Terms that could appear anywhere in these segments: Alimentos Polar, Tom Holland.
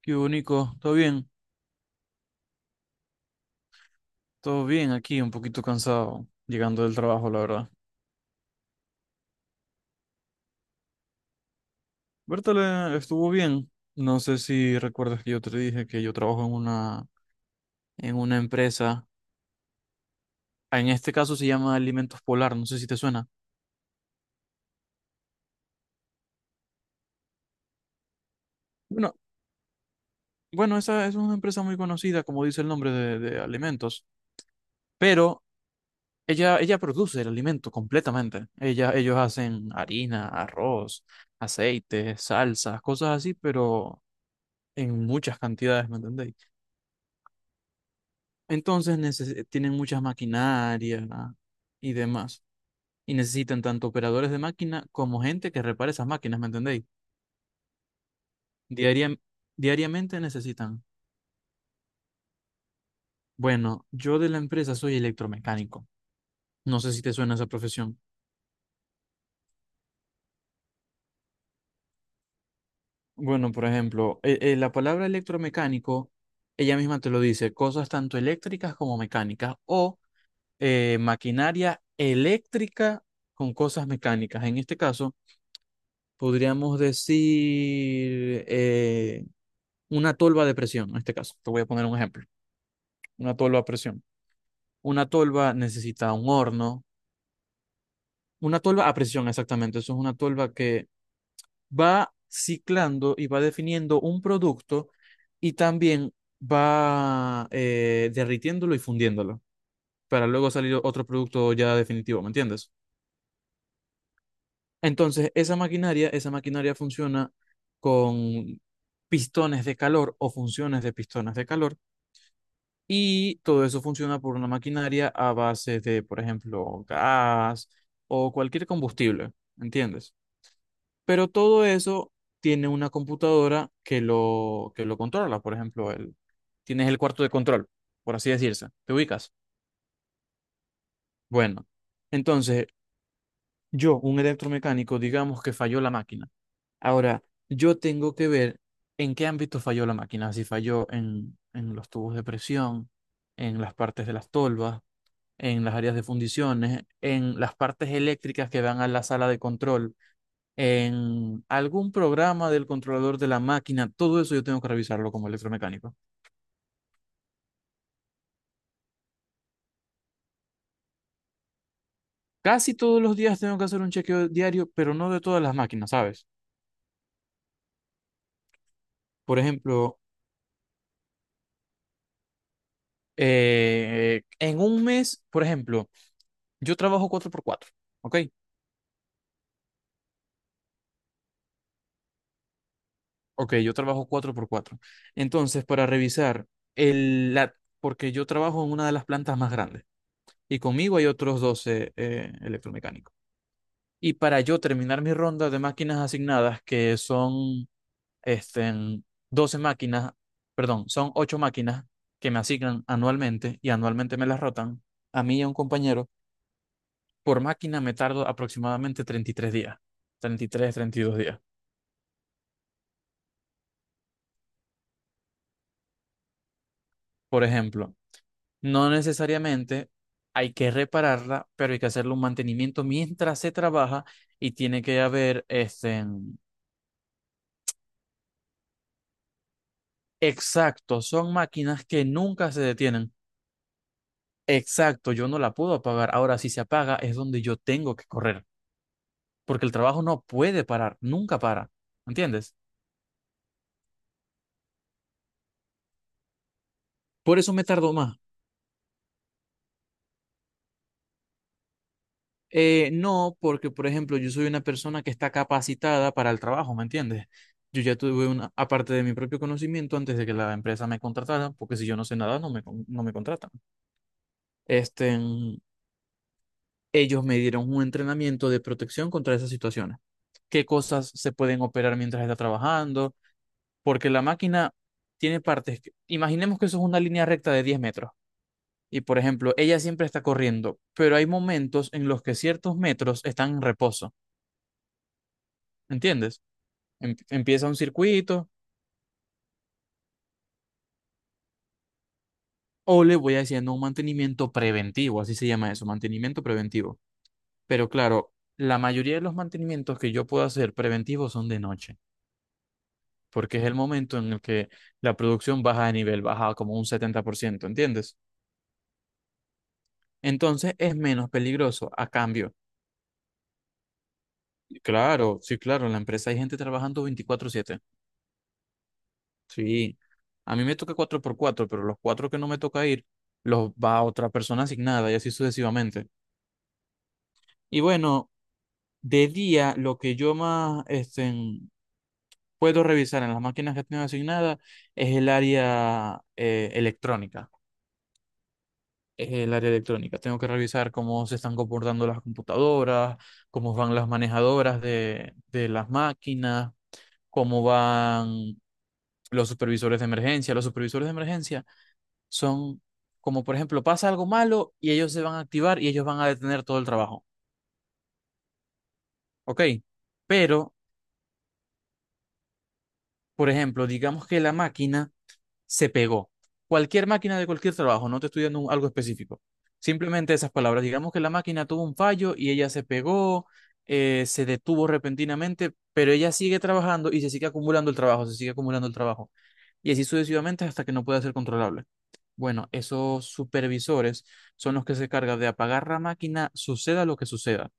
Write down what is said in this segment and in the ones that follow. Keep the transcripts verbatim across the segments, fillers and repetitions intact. Qué bonito, todo bien, todo bien aquí, un poquito cansado, llegando del trabajo, la verdad. Bertale estuvo bien. No sé si recuerdas que yo te dije que yo trabajo en una, en una, empresa, ah, en este caso se llama Alimentos Polar, no sé si te suena. Bueno, bueno, esa es una empresa muy conocida, como dice el nombre de, de alimentos, pero ella, ella produce el alimento completamente. Ella, ellos hacen harina, arroz, aceite, salsas, cosas así, pero en muchas cantidades, ¿me entendéis? Entonces neces- tienen muchas maquinarias, ¿no? Y demás. Y necesitan tanto operadores de máquina como gente que repare esas máquinas, ¿me entendéis? Diaria- diariamente necesitan. Bueno, yo de la empresa soy electromecánico. No sé si te suena esa profesión. Bueno, por ejemplo, eh, eh, la palabra electromecánico, ella misma te lo dice, cosas tanto eléctricas como mecánicas, o eh, maquinaria eléctrica con cosas mecánicas. En este caso, podríamos decir eh, una tolva de presión, en este caso. Te voy a poner un ejemplo. Una tolva a presión. Una tolva necesita un horno. Una tolva a presión, exactamente. Eso es una tolva que va ciclando y va definiendo un producto, y también va eh, derritiéndolo y fundiéndolo para luego salir otro producto ya definitivo, ¿me entiendes? Entonces, esa maquinaria, esa maquinaria funciona con pistones de calor o funciones de pistones de calor, y todo eso funciona por una maquinaria a base de, por ejemplo, gas o cualquier combustible, ¿entiendes? Pero todo eso tiene una computadora que lo, que lo controla. Por ejemplo, el, tienes el cuarto de control, por así decirse, te ubicas. Bueno, entonces yo, un electromecánico, digamos que falló la máquina. Ahora, yo tengo que ver en qué ámbito falló la máquina, si falló en, en los tubos de presión, en las partes de las tolvas, en las áreas de fundiciones, en las partes eléctricas que van a la sala de control, en algún programa del controlador de la máquina. Todo eso yo tengo que revisarlo como electromecánico. Casi todos los días tengo que hacer un chequeo diario, pero no de todas las máquinas, ¿sabes? Por ejemplo, eh, en un mes, por ejemplo, yo trabajo cuatro por cuatro. Ok. Ok, yo trabajo cuatro por cuatro. Entonces, para revisar, el, la, porque yo trabajo en una de las plantas más grandes y conmigo hay otros doce eh, electromecánicos. Y para yo terminar mi ronda de máquinas asignadas, que son este, doce máquinas, perdón, son ocho máquinas que me asignan anualmente, y anualmente me las rotan, a mí y a un compañero. Por máquina me tardo aproximadamente treinta y tres días, treinta treinta y tres treinta y dos días. Por ejemplo, no necesariamente hay que repararla, pero hay que hacerle un mantenimiento mientras se trabaja, y tiene que haber este. Exacto, son máquinas que nunca se detienen. Exacto, yo no la puedo apagar. Ahora, si se apaga, es donde yo tengo que correr, porque el trabajo no puede parar, nunca para. ¿Entiendes? Por eso me tardo más. Eh, no, porque por ejemplo, yo soy una persona que está capacitada para el trabajo, ¿me entiendes? Yo ya tuve una, aparte de mi propio conocimiento antes de que la empresa me contratara, porque si yo no sé nada, no me, con- no me contratan. Este, mm, Ellos me dieron un entrenamiento de protección contra esas situaciones. ¿Qué cosas se pueden operar mientras está trabajando? Porque la máquina tiene partes. Que- imaginemos que eso es una línea recta de diez metros. Y por ejemplo, ella siempre está corriendo, pero hay momentos en los que ciertos metros están en reposo, ¿entiendes? Em- empieza un circuito, o le voy haciendo un mantenimiento preventivo, así se llama eso, mantenimiento preventivo. Pero claro, la mayoría de los mantenimientos que yo puedo hacer preventivos son de noche, porque es el momento en el que la producción baja de nivel, baja como un setenta por ciento. ¿Entiendes? Entonces es menos peligroso a cambio. Claro, sí, claro, en la empresa hay gente trabajando veinticuatro siete. Sí, a mí me toca cuatro por cuatro, pero los cuatro que no me toca ir, los va otra persona asignada, y así sucesivamente. Y bueno, de día, lo que yo más este, puedo revisar en las máquinas que tengo asignadas es el área eh, electrónica. Es el área electrónica. Tengo que revisar cómo se están comportando las computadoras, cómo van las manejadoras de, de, las máquinas, cómo van los supervisores de emergencia. Los supervisores de emergencia son, como por ejemplo, pasa algo malo y ellos se van a activar y ellos van a detener todo el trabajo. ¿Ok? Pero, por ejemplo, digamos que la máquina se pegó. Cualquier máquina de cualquier trabajo, no te estoy dando un- algo específico. Simplemente esas palabras. Digamos que la máquina tuvo un fallo y ella se pegó, eh, se detuvo repentinamente, pero ella sigue trabajando y se sigue acumulando el trabajo, se sigue acumulando el trabajo. Y así sucesivamente hasta que no pueda ser controlable. Bueno, esos supervisores son los que se cargan de apagar la máquina, suceda lo que suceda.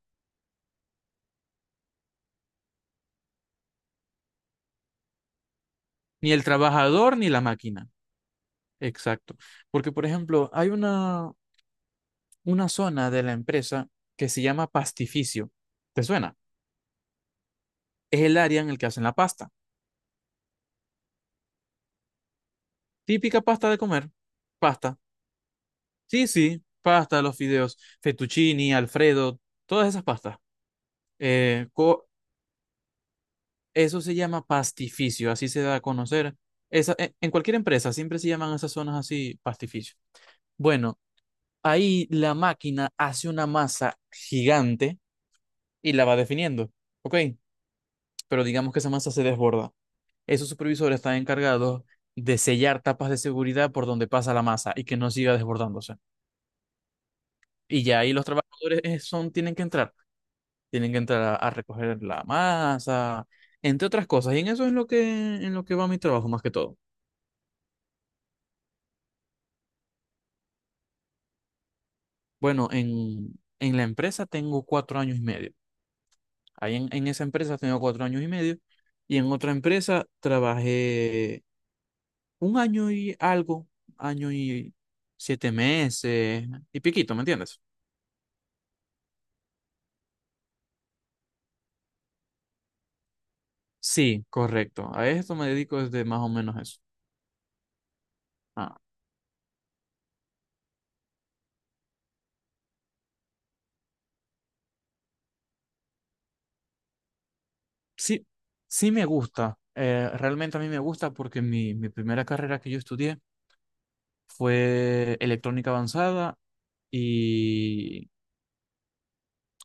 Ni el trabajador ni la máquina. Exacto. Porque, por ejemplo, hay una, una zona de la empresa que se llama pastificio. ¿Te suena? Es el área en el que hacen la pasta. Típica pasta de comer. Pasta. Sí, sí, pasta, los fideos, fettuccini, Alfredo, todas esas pastas. Eh, co- Eso se llama pastificio, así se da a conocer. Esa, e- en cualquier empresa siempre se llaman esas zonas así, pastificio. Bueno, ahí la máquina hace una masa gigante y la va definiendo. Ok, pero digamos que esa masa se desborda. Esos supervisores están encargados de sellar tapas de seguridad por donde pasa la masa y que no siga desbordándose. Y ya ahí los trabajadores eh, son, tienen que entrar, tienen que entrar a, a recoger la masa, entre otras cosas. Y en eso es lo que, en lo que va mi trabajo más que todo. Bueno, en, en la empresa tengo cuatro años y medio. Ahí en, en esa empresa tengo cuatro años y medio. Y en otra empresa trabajé un año y algo, año y siete meses y piquito, ¿me entiendes? Sí, correcto. A esto me dedico desde más o menos eso. Ah, sí, sí me gusta. Eh, realmente a mí me gusta porque mi, mi primera carrera que yo estudié fue electrónica avanzada y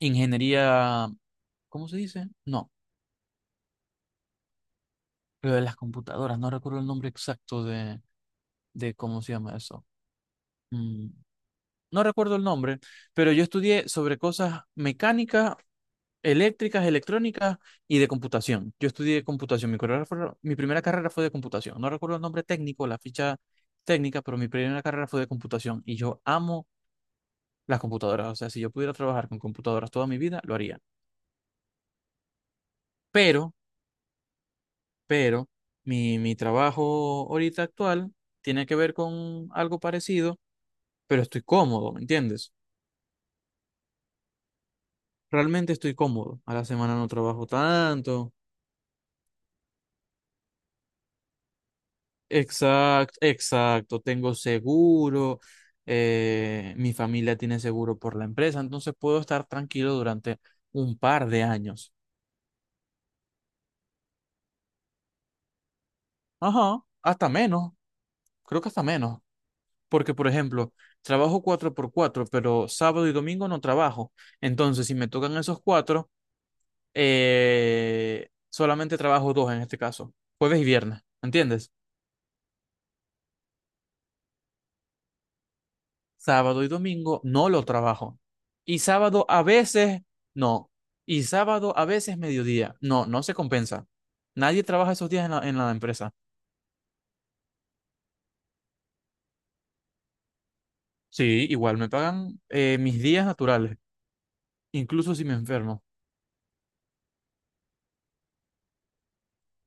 ingeniería, ¿cómo se dice? No, lo de las computadoras. No recuerdo el nombre exacto de, de cómo se llama eso. Mm, no recuerdo el nombre, pero yo estudié sobre cosas mecánicas, eléctricas, electrónicas y de computación. Yo estudié computación, mi carrera fue- mi primera carrera fue de computación. No recuerdo el nombre técnico, la ficha técnica, pero mi primera carrera fue de computación y yo amo las computadoras. O sea, si yo pudiera trabajar con computadoras toda mi vida, lo haría. Pero, pero, mi, mi trabajo ahorita actual tiene que ver con algo parecido, pero estoy cómodo, ¿me entiendes? Realmente estoy cómodo. A la semana no trabajo tanto. Exacto, exacto. Tengo seguro, eh, mi familia tiene seguro por la empresa, entonces puedo estar tranquilo durante un par de años. Ajá, hasta menos, creo que hasta menos, porque por ejemplo, trabajo cuatro por cuatro, pero sábado y domingo no trabajo. Entonces, si me tocan esos cuatro, eh, solamente trabajo dos en este caso, jueves y viernes, ¿entiendes? Sábado y domingo no lo trabajo. Y sábado a veces no. Y sábado a veces mediodía. No, no se compensa. Nadie trabaja esos días en la, en la empresa. Sí, igual me pagan eh, mis días naturales, incluso si me enfermo.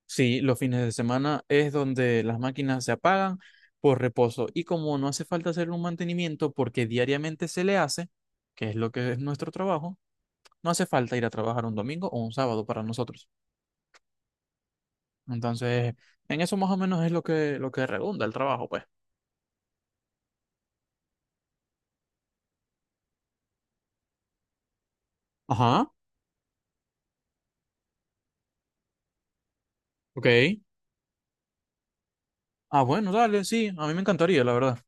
Sí, los fines de semana es donde las máquinas se apagan por reposo. Y como no hace falta hacer un mantenimiento porque diariamente se le hace, que es lo que es nuestro trabajo, no hace falta ir a trabajar un domingo o un sábado para nosotros. Entonces, en eso más o menos es lo que, lo que redunda el trabajo, pues. Ajá, ok. Ah, bueno, dale, sí, a mí me encantaría, la verdad.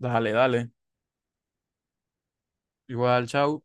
Dale, dale. Igual, chao.